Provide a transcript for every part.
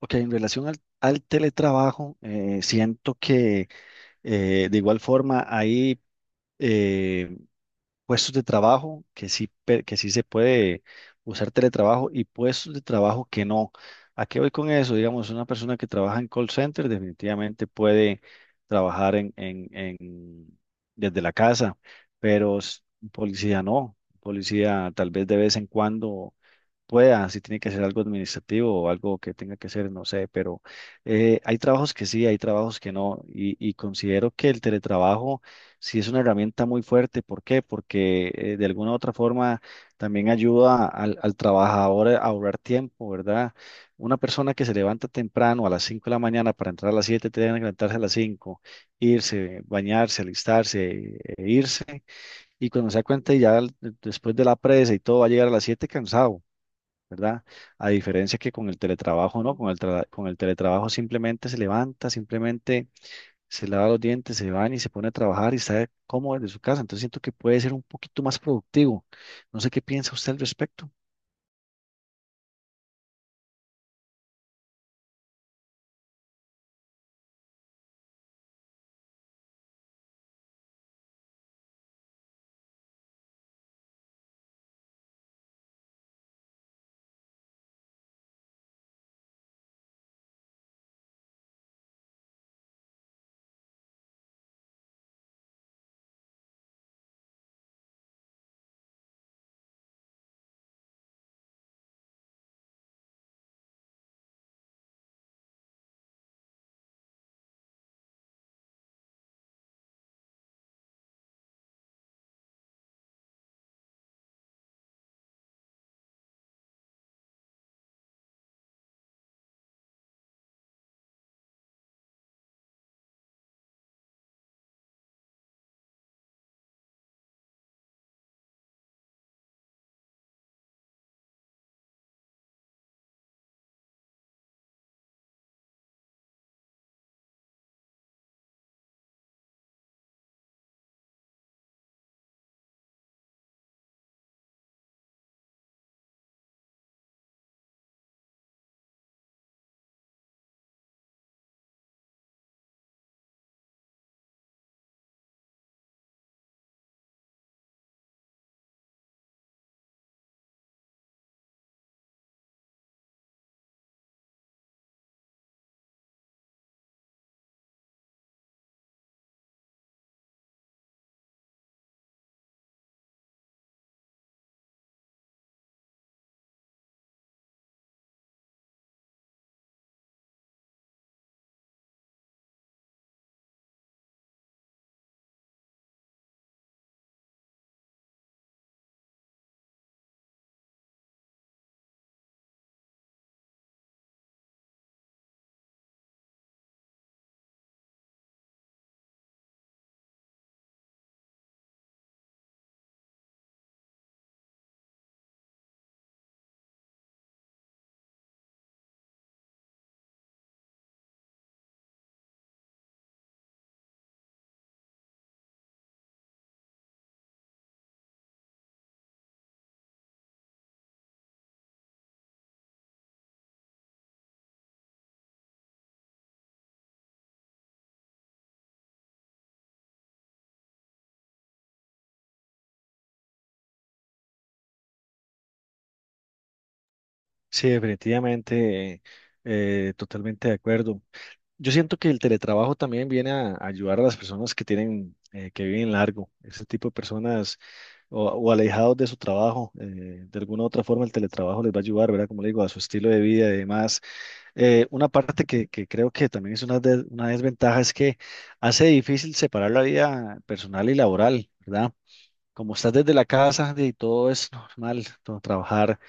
Ok, en relación al teletrabajo, siento que de igual forma hay eh, puestos de trabajo que sí, que sí se puede usar teletrabajo y puestos de trabajo que no. ¿A qué voy con eso? Digamos, una persona que trabaja en call center definitivamente puede trabajar desde la casa, pero un policía no. Un policía tal vez de vez en cuando pueda, si tiene que ser algo administrativo o algo que tenga que ser, no sé, pero hay trabajos que sí, hay trabajos que no, y considero que el teletrabajo sí es una herramienta muy fuerte. ¿Por qué? Porque de alguna u otra forma también ayuda al trabajador a ahorrar tiempo, ¿verdad? Una persona que se levanta temprano a las 5 de la mañana para entrar a las 7 tiene que levantarse a las cinco, irse, bañarse, alistarse, e irse, y cuando se da cuenta ya, después de la presa y todo, va a llegar a las 7 cansado, ¿verdad? A diferencia que con el teletrabajo, ¿no? Con el, con el teletrabajo simplemente se levanta, simplemente se lava los dientes, se baña y se pone a trabajar y está cómodo desde su casa. Entonces siento que puede ser un poquito más productivo. No sé qué piensa usted al respecto. Sí, definitivamente, totalmente de acuerdo. Yo siento que el teletrabajo también viene a ayudar a las personas que tienen, que viven largo, ese tipo de personas o alejados de su trabajo. De alguna u otra forma el teletrabajo les va a ayudar, ¿verdad? Como le digo, a su estilo de vida y demás. Una parte que creo que también es una, una desventaja es que hace difícil separar la vida personal y laboral, ¿verdad? Como estás desde la casa y todo es normal, todo, trabajar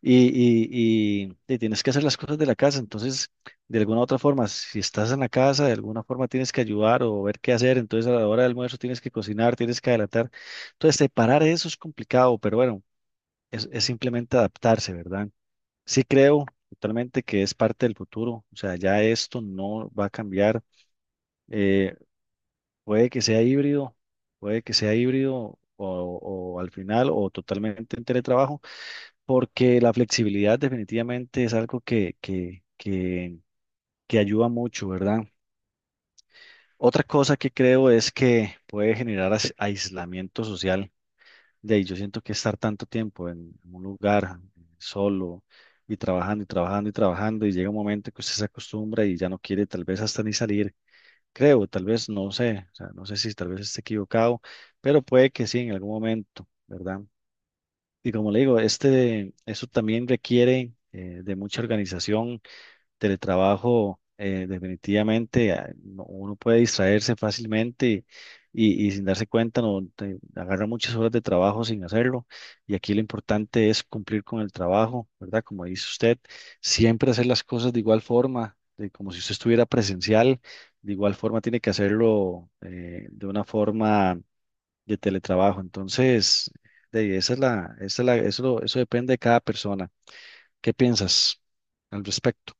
y tienes que hacer las cosas de la casa. Entonces, de alguna u otra forma, si estás en la casa, de alguna forma tienes que ayudar o ver qué hacer. Entonces, a la hora del almuerzo tienes que cocinar, tienes que adelantar. Entonces, separar eso es complicado, pero bueno, es simplemente adaptarse, ¿verdad? Sí creo totalmente que es parte del futuro. O sea, ya esto no va a cambiar. Eh, Puede que sea híbrido, puede que sea híbrido o al final o totalmente en teletrabajo porque la flexibilidad definitivamente es algo que ayuda mucho, ¿verdad? Otra cosa que creo es que puede generar aislamiento social. De ahí yo siento que estar tanto tiempo en un lugar solo y trabajando y trabajando y trabajando y llega un momento que usted se acostumbra y ya no quiere tal vez hasta ni salir. Creo, tal vez, no sé, o sea, no sé si tal vez esté equivocado, pero puede que sí en algún momento, ¿verdad? Y como le digo, este, eso también requiere de mucha organización, teletrabajo, definitivamente, uno puede distraerse fácilmente y sin darse cuenta, no, agarra muchas horas de trabajo sin hacerlo. Y aquí lo importante es cumplir con el trabajo, ¿verdad? Como dice usted, siempre hacer las cosas de igual forma, de como si usted estuviera presencial, de igual forma tiene que hacerlo, de una forma de teletrabajo. Entonces, de ahí, esa es la, eso depende de cada persona. ¿Qué piensas al respecto?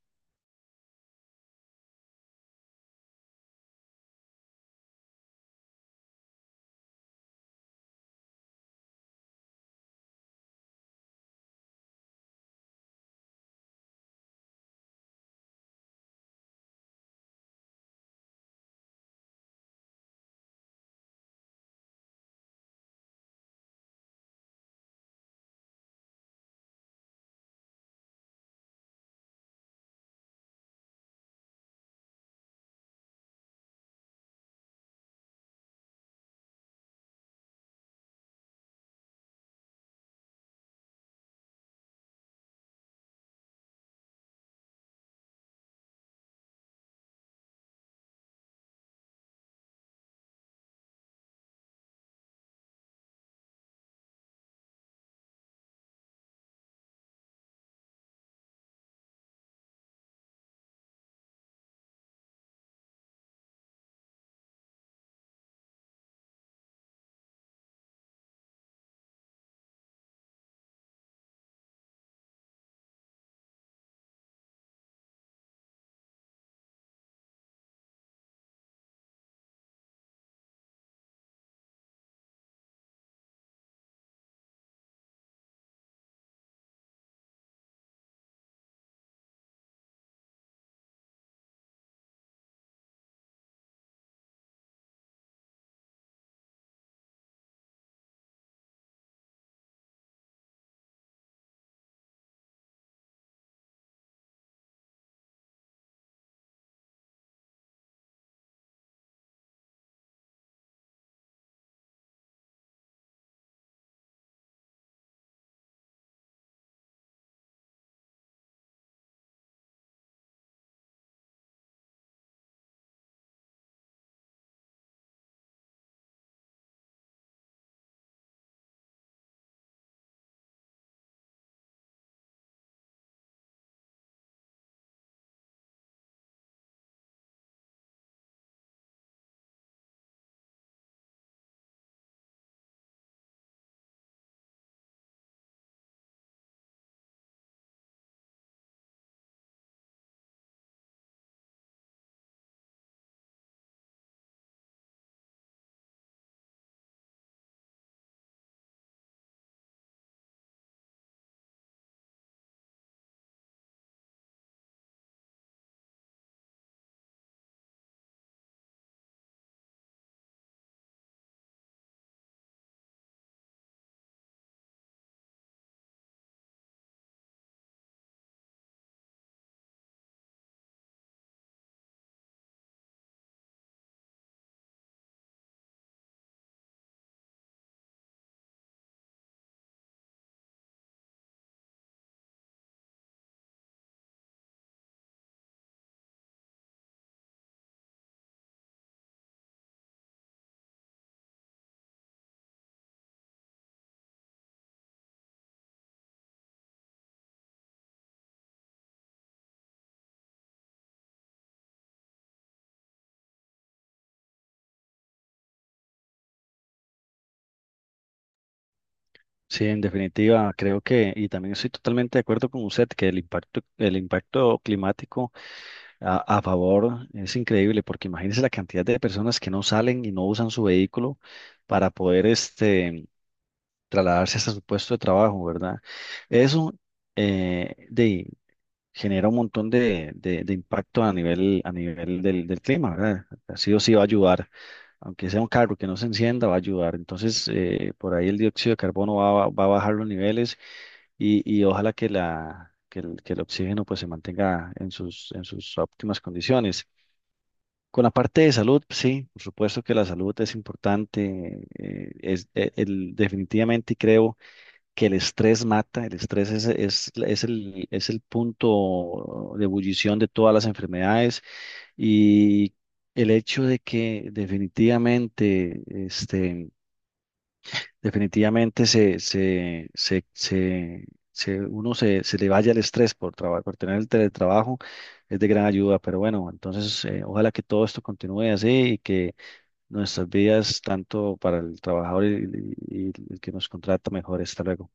Sí, en definitiva, creo que, y también estoy totalmente de acuerdo con usted, que el impacto climático a favor es increíble, porque imagínese la cantidad de personas que no salen y no usan su vehículo para poder este, trasladarse hasta su puesto de trabajo, ¿verdad? Eso, eh, genera un montón de, de impacto a nivel del clima, ¿verdad? Sí o sí va a ayudar, aunque sea un carro que no se encienda, va a ayudar. Entonces, por ahí el dióxido de carbono va, a va a bajar los niveles y ojalá que, la, que el oxígeno pues, se mantenga en sus óptimas condiciones. Con la parte de salud, sí, por supuesto que la salud es importante, es, el, definitivamente creo que el estrés mata, el estrés es el, es el punto de ebullición de todas las enfermedades y el hecho de que definitivamente, este, definitivamente uno se, se le vaya el estrés por trabajo, por tener el teletrabajo, es de gran ayuda, pero bueno, entonces ojalá que todo esto continúe así y que nuestras vidas, tanto para el trabajador y el que nos contrata, mejor. Hasta luego.